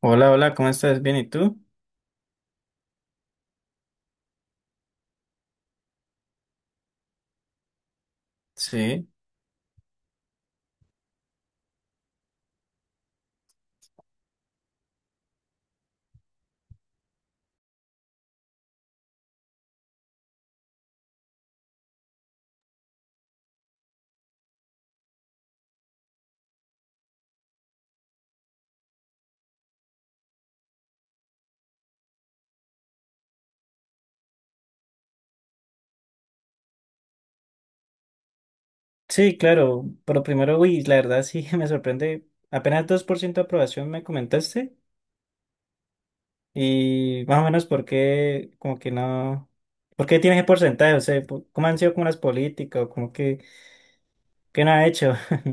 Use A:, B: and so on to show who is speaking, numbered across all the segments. A: Hola, hola, ¿cómo estás? ¿Bien? ¿Y tú? Sí. Sí, claro, pero primero, uy, la verdad sí me sorprende. Apenas 2% de aprobación me comentaste y más o menos por qué, como que no, ¿por qué tienes ese porcentaje? O sea, ¿cómo han sido como las políticas o como que, qué no ha hecho?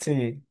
A: Sí,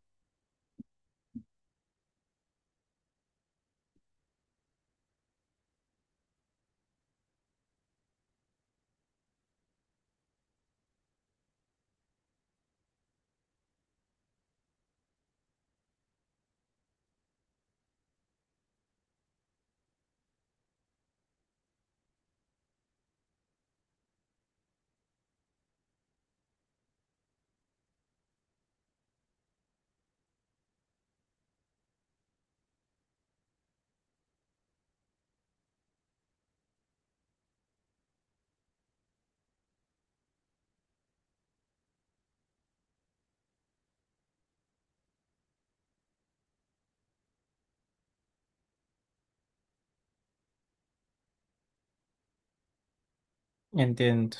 A: entiendo.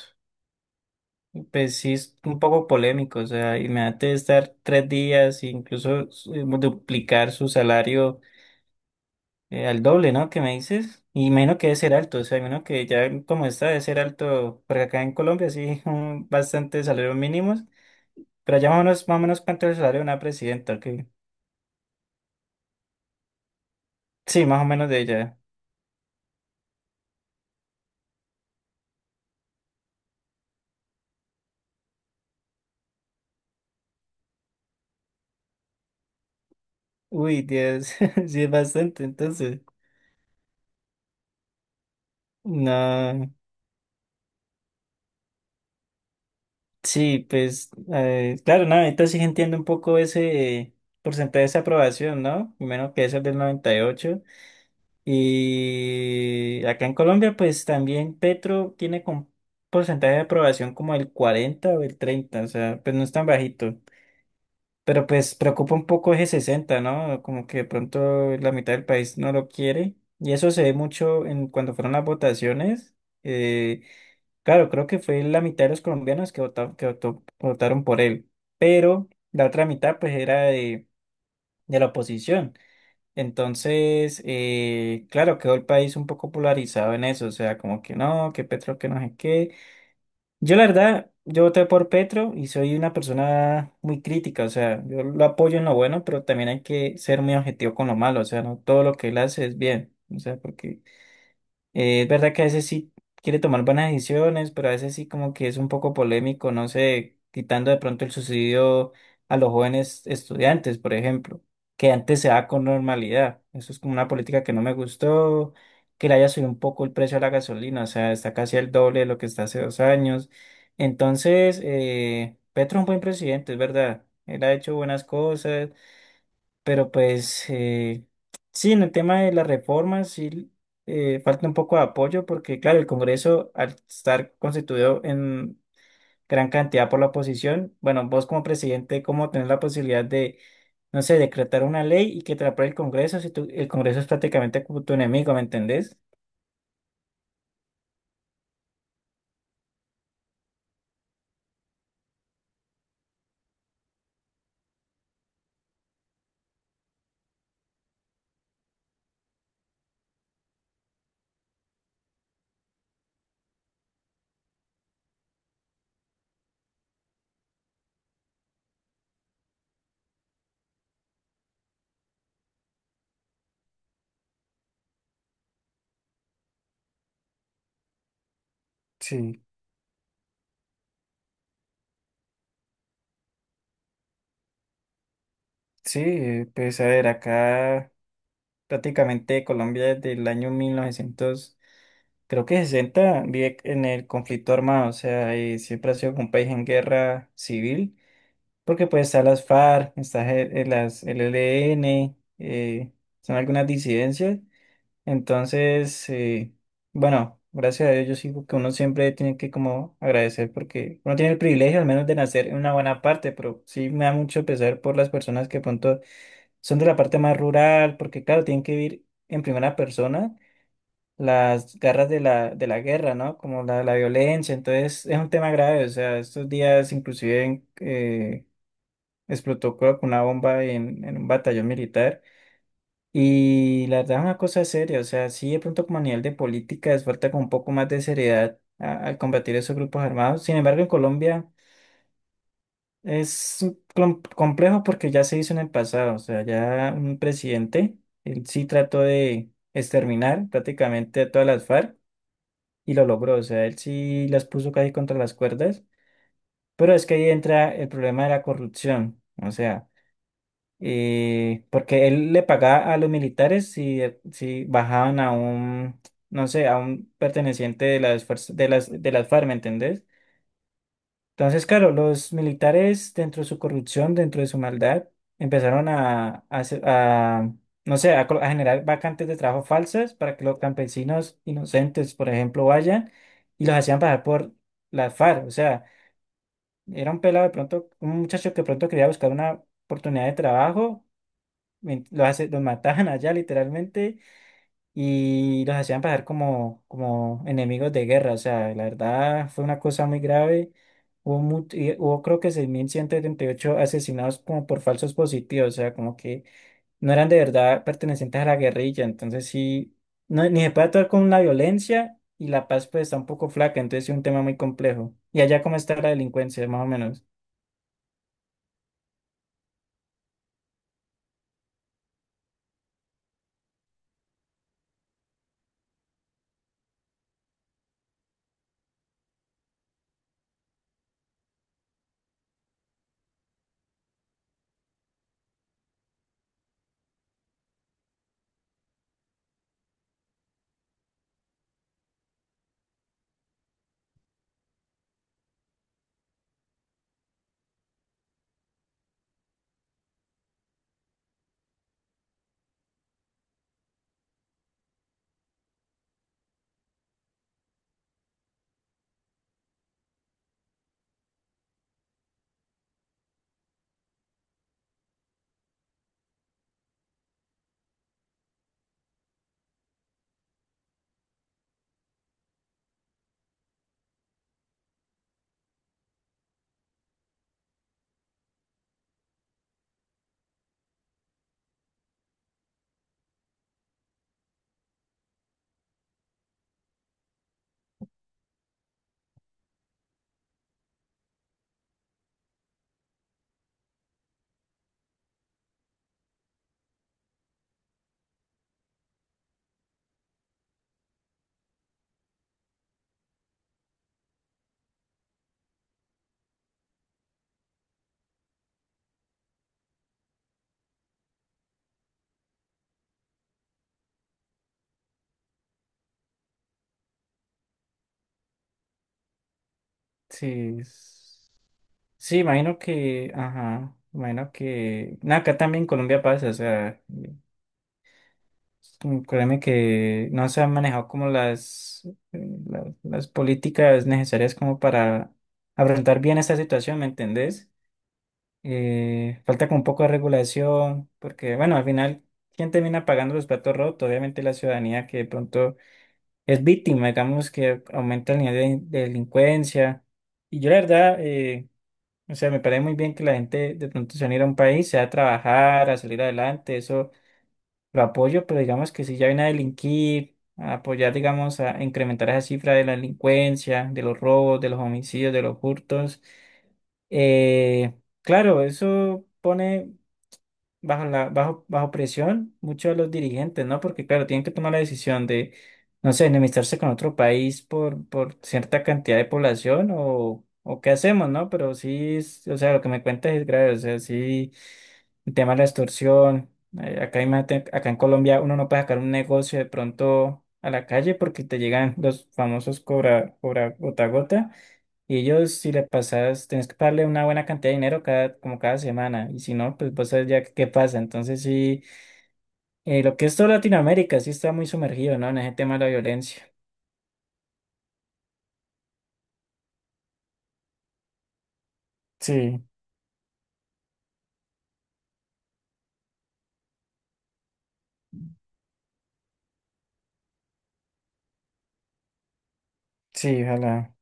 A: Pues sí, es un poco polémico, o sea, imagínate estar 3 días e incluso duplicar su salario. Al doble, ¿no? ¿Qué me dices? Y menos que debe ser alto, o sea, menos que ya como está debe ser alto, porque acá en Colombia sí, bastante salarios mínimos, pero ya más o menos cuánto es el salario de una presidenta, que sí, más o menos de ella. Uy, Dios, sí es bastante, entonces, no, sí, pues, claro, no, ahorita sí entiendo un poco ese porcentaje de aprobación, ¿no? Y menos que es el del 98. Y acá en Colombia, pues también Petro tiene con porcentaje de aprobación como el 40 o el 30, o sea, pues no es tan bajito. Pero pues preocupa un poco ese 60, ¿no? Como que de pronto la mitad del país no lo quiere. Y eso se ve mucho en cuando fueron las votaciones. Eh, claro, creo que fue la mitad de los colombianos que votaron, que votaron por él. Pero la otra mitad, pues, era de la oposición. Entonces, claro, quedó el país un poco polarizado en eso, o sea, como que no, que Petro, que no sé qué. Yo la verdad, yo voté por Petro y soy una persona muy crítica, o sea, yo lo apoyo en lo bueno, pero también hay que ser muy objetivo con lo malo, o sea, no todo lo que él hace es bien, o sea, porque es verdad que a veces sí quiere tomar buenas decisiones, pero a veces sí como que es un poco polémico, no sé, quitando de pronto el subsidio a los jóvenes estudiantes, por ejemplo, que antes se da con normalidad. Eso es como una política que no me gustó, que le haya subido un poco el precio a la gasolina, o sea, está casi el doble de lo que está hace 2 años. Entonces, Petro es un buen presidente, es verdad. Él ha hecho buenas cosas, pero pues sí, en el tema de las reformas sí falta un poco de apoyo porque claro, el Congreso al estar constituido en gran cantidad por la oposición, bueno, vos como presidente, ¿cómo tenés la posibilidad de, no sé, decretar una ley y que te la apruebe el Congreso si el Congreso es prácticamente como tu enemigo, ¿me entendés? Sí, sí, pues a ver, acá prácticamente Colombia desde el año mil novecientos, creo que 60, vive en el conflicto armado, o sea, y siempre ha sido como un país en guerra civil, porque pues están las FARC, está las LLN, son algunas disidencias. Entonces, bueno, gracias a Dios yo sigo que uno siempre tiene que como agradecer porque uno tiene el privilegio al menos de nacer en una buena parte, pero sí me da mucho pesar por las personas que pronto son de la parte más rural, porque claro, tienen que vivir en primera persona las garras de la guerra, ¿no? Como la violencia. Entonces es un tema grave, o sea, estos días inclusive explotó creo que una bomba en un batallón militar, y la verdad es una cosa seria, o sea, sí de pronto como a nivel de políticas falta con un poco más de seriedad al combatir esos grupos armados. Sin embargo, en Colombia es un complejo porque ya se hizo en el pasado, o sea, ya un presidente, él sí trató de exterminar prácticamente a todas las FARC, y lo logró. O sea, él sí las puso casi contra las cuerdas, pero es que ahí entra el problema de la corrupción. O sea, porque él le pagaba a los militares si, si bajaban a un, no sé, a un perteneciente de las fuerzas, de las FARC, ¿me entendés? Entonces, claro, los militares, dentro de su corrupción, dentro de su maldad, empezaron a, no sé, a generar vacantes de trabajo falsas para que los campesinos inocentes, por ejemplo, vayan y los hacían pasar por las FARC. O sea, era un pelado de pronto, un muchacho que de pronto quería buscar una oportunidad de trabajo, los mataban allá literalmente y los hacían pasar como, enemigos de guerra. O sea, la verdad fue una cosa muy grave. Hubo, mu- y hubo creo que 6.178 asesinados como por falsos positivos, o sea, como que no eran de verdad pertenecientes a la guerrilla. Entonces sí, no, ni se puede actuar con la violencia y la paz pues está un poco flaca, entonces es un tema muy complejo. ¿Y allá cómo está la delincuencia, más o menos? Sí. es- Sí, imagino que, ajá, imagino que, no, acá también en Colombia pasa, o sea. Créeme que no se han manejado como las, las políticas necesarias como para afrontar bien esta situación, ¿me entendés? Falta como un poco de regulación, porque bueno, al final, ¿quién termina pagando los platos rotos? Obviamente la ciudadanía que de pronto es víctima, digamos que aumenta el nivel de delincuencia. Y yo la verdad, o sea, me parece muy bien que la gente de pronto se unir a un país, sea a trabajar, a salir adelante, eso lo apoyo, pero digamos que si ya viene a delinquir, a apoyar, digamos, a incrementar esa cifra de la delincuencia, de los robos, de los homicidios, de los hurtos, eh, claro, eso pone bajo presión muchos de los dirigentes, ¿no? Porque claro, tienen que tomar la decisión de, no sé, enemistarse con otro país por cierta cantidad de población, o qué hacemos, ¿no? Pero sí, o sea, lo que me cuentas es grave, o sea, sí, el tema de la extorsión, acá, imagínate, acá en Colombia uno no puede sacar un negocio de pronto a la calle porque te llegan los famosos cobra gota a gota. Y ellos, si le pasas, tenés que pagarle una buena cantidad de dinero cada, como cada semana. Y si no, pues vos sabes ya qué pasa. Entonces, sí, lo que es toda Latinoamérica sí está muy sumergido, ¿no? En ese tema de la violencia. Sí, sí, ojalá.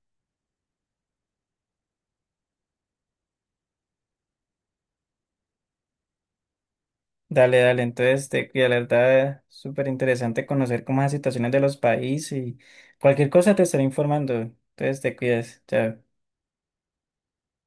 A: Dale, dale. Entonces, te, y la verdad, súper interesante conocer cómo es las situaciones de los países, y cualquier cosa te estaré informando. Entonces, te cuidas. Chao.